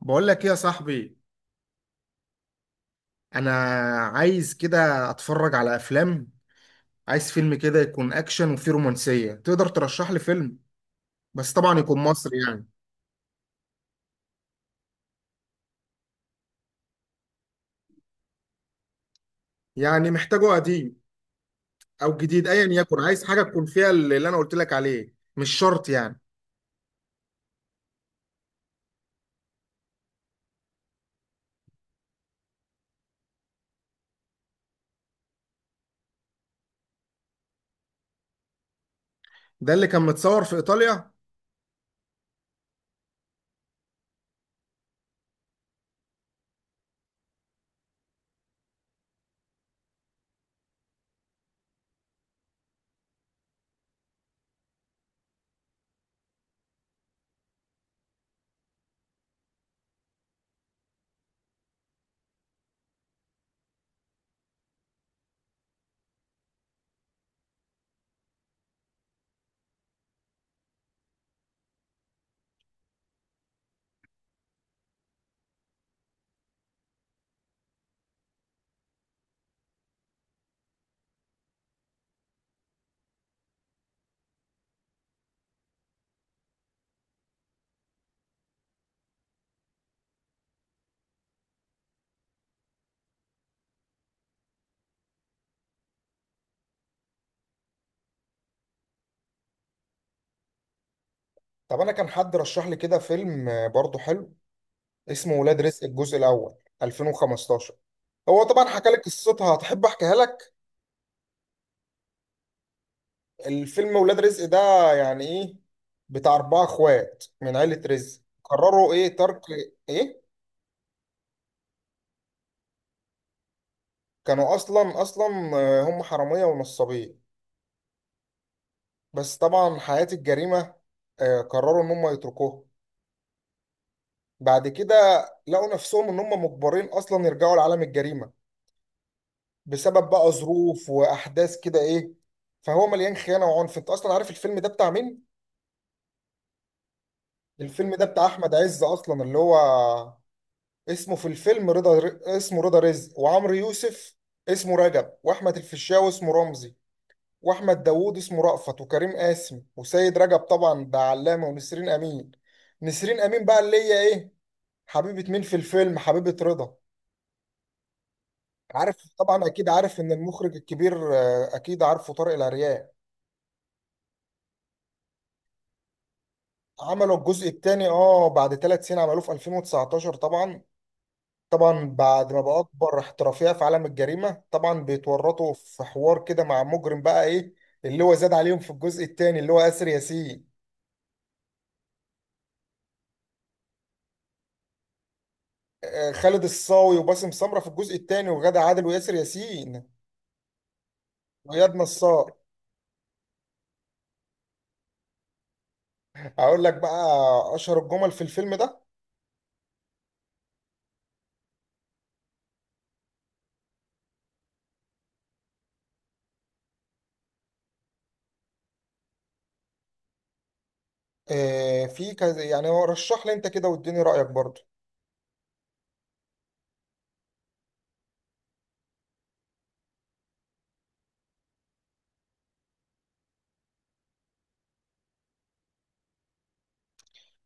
بقول لك ايه يا صاحبي؟ انا عايز كده اتفرج على افلام. عايز فيلم كده يكون اكشن وفيه رومانسية. تقدر ترشح لي فيلم بس طبعا يكون مصري يعني؟ يعني محتاجه قديم او جديد ايا يكن، عايز حاجة تكون فيها اللي انا قلت لك عليه، مش شرط يعني. ده اللي كان متصور في ايطاليا؟ طب انا كان حد رشح لي كده فيلم برضه حلو، اسمه ولاد رزق الجزء الاول 2015. هو طبعا حكى لك قصتها؟ هتحب احكيها لك؟ الفيلم ولاد رزق ده يعني ايه؟ بتاع اربعة اخوات من عيلة رزق، قرروا ايه؟ ترك. ايه. كانوا اصلا اصلا هم حرامية ونصابين. بس طبعا حياة الجريمة، قرروا ان هم يتركوها بعد كده. لقوا نفسهم ان هم مجبرين اصلا يرجعوا لعالم الجريمة بسبب بقى ظروف واحداث كده، ايه. فهو مليان خيانة وعنف. انت اصلا عارف الفيلم ده بتاع مين؟ الفيلم ده بتاع احمد عز. اصلا اللي هو اسمه في الفيلم رضا، اسمه رضا رزق، وعمرو يوسف اسمه رجب، واحمد الفيشاوي اسمه رمزي، واحمد داوود اسمه رأفت، وكريم قاسم، وسيد رجب طبعا ده علامة، ونسرين امين. نسرين امين بقى اللي هي ايه، حبيبة مين في الفيلم؟ حبيبة رضا. عارف طبعا، اكيد عارف ان المخرج الكبير اكيد عارفه، طارق العريان. عملوا الجزء الثاني، اه، بعد 3 سنين عملوه في 2019 طبعا. طبعا بعد ما بقى اكبر احترافيه في عالم الجريمه، طبعا بيتورطوا في حوار كده مع مجرم، بقى ايه اللي هو زاد عليهم في الجزء الثاني، اللي هو ياسر ياسين، خالد الصاوي، وباسم سمره في الجزء الثاني، وغادة عادل، وياسر ياسين، وإياد نصار. هقول لك بقى اشهر الجمل في الفيلم ده. في كذا يعني، هو رشح لي انت كده واديني رايك برضه.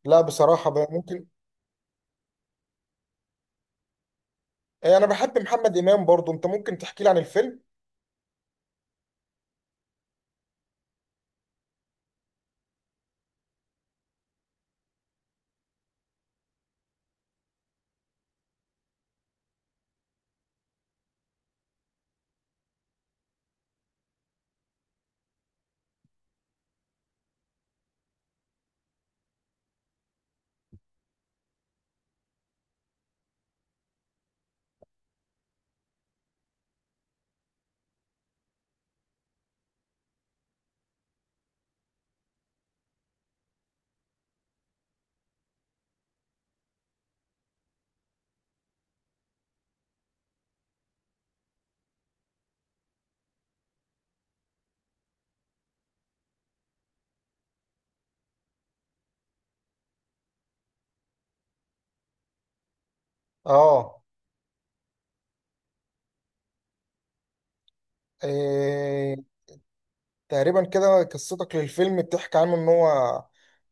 لا بصراحه بقى، ممكن. انا بحب محمد امام برضه. انت ممكن تحكي لي عن الفيلم؟ اه. آه، تقريبا كده قصتك للفيلم بتحكي عنه ان هو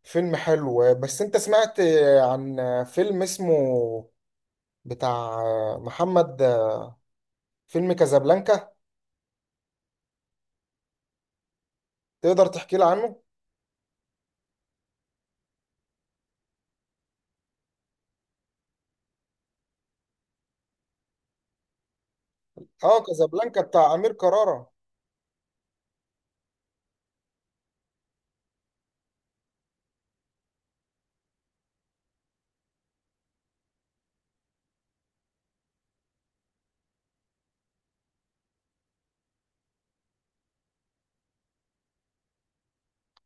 فيلم حلو. بس انت سمعت عن فيلم اسمه بتاع محمد، فيلم كازابلانكا؟ تقدر تحكي لي عنه؟ اه، كازابلانكا بتاع امير كرارة.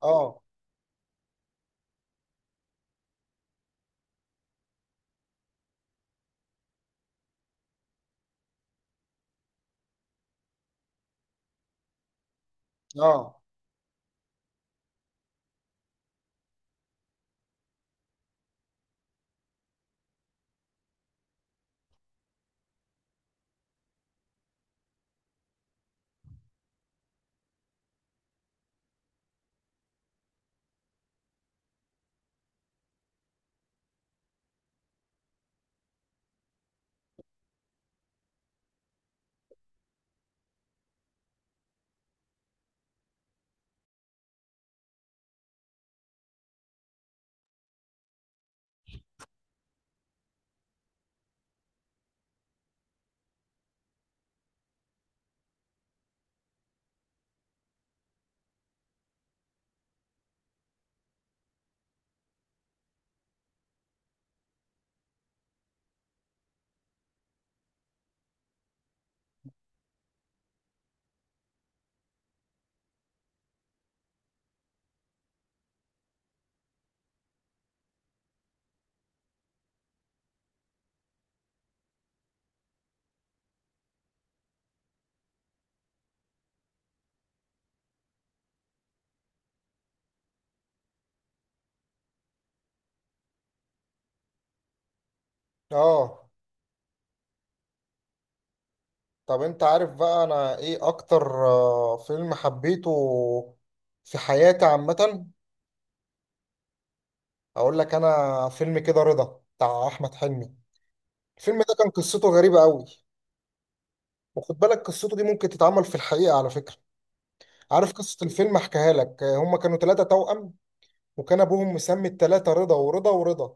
اه. اه. اه. طب انت عارف بقى انا ايه اكتر فيلم حبيته في حياتي عامة؟ اقول لك، انا فيلم كده رضا بتاع احمد حلمي. الفيلم ده كان قصته غريبة قوي. وخد بالك قصته دي ممكن تتعمل في الحقيقة على فكرة. عارف قصة الفيلم؟ احكيها لك. هما كانوا ثلاثة توأم. وكان أبوهم مسمي الثلاثة رضا ورضا ورضا.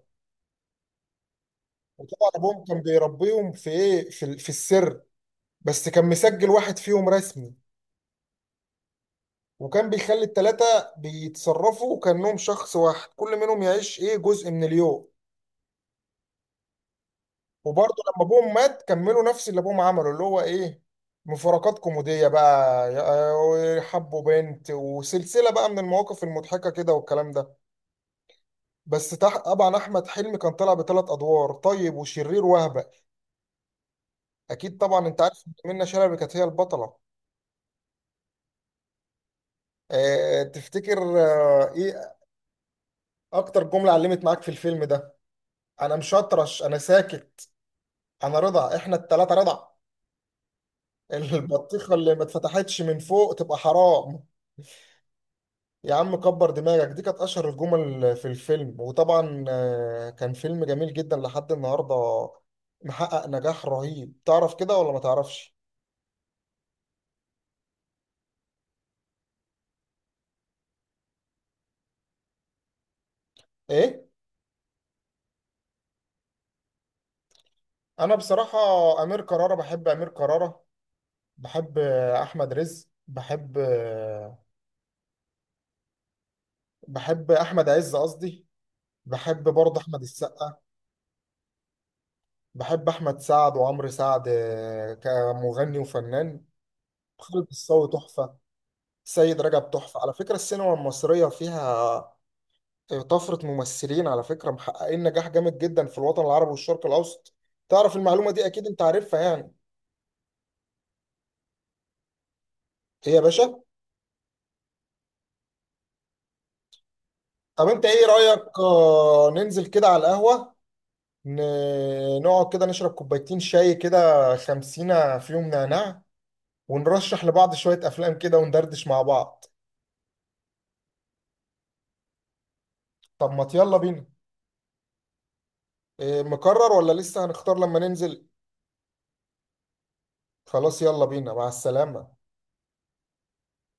وطبعا أبوهم كان بيربيهم في إيه، في السر. بس كان مسجل واحد فيهم رسمي. وكان بيخلي الثلاثة بيتصرفوا كأنهم شخص واحد، كل منهم يعيش إيه جزء من اليوم. وبرضه لما أبوهم مات كملوا نفس اللي أبوهم عمله، اللي هو إيه مفارقات كوميدية بقى، حبوا بنت وسلسلة بقى من المواقف المضحكة كده والكلام ده. طبعا احمد حلمي كان طالع بثلاث ادوار، طيب وشرير وهبه. اكيد طبعا انت عارف إن منة شلبي كانت هي البطله. أه، تفتكر؟ أه. ايه اكتر جمله علمت معاك في الفيلم ده؟ انا مش هطرش، انا ساكت. انا رضا، احنا الثلاثه رضا. البطيخه اللي ما اتفتحتش من فوق تبقى حرام. يا عم كبر دماغك. دي كانت اشهر الجمل في الفيلم، وطبعا كان فيلم جميل جدا لحد النهارده. محقق نجاح رهيب، تعرف كده ولا ما تعرفش؟ ايه، انا بصراحه امير كرارة بحب، امير كرارة بحب، احمد رزق بحب احمد عز قصدي، بحب برضه احمد السقا. بحب احمد سعد وعمرو سعد كمغني وفنان. خالد الصاوي تحفه. سيد رجب تحفه. على فكره السينما المصريه فيها طفره ممثلين، على فكره محققين نجاح جامد جدا في الوطن العربي والشرق الاوسط. تعرف المعلومه دي؟ اكيد انت عارفها يعني. ايه يا باشا. طب انت ايه رايك ننزل كده على القهوه، نقعد كده نشرب كوبايتين شاي كده، خمسينة فيهم نعناع، ونرشح لبعض شوية أفلام كده وندردش مع بعض. طب ما يلا بينا. إيه، مقرر ولا لسه هنختار لما ننزل؟ خلاص يلا بينا، مع السلامة.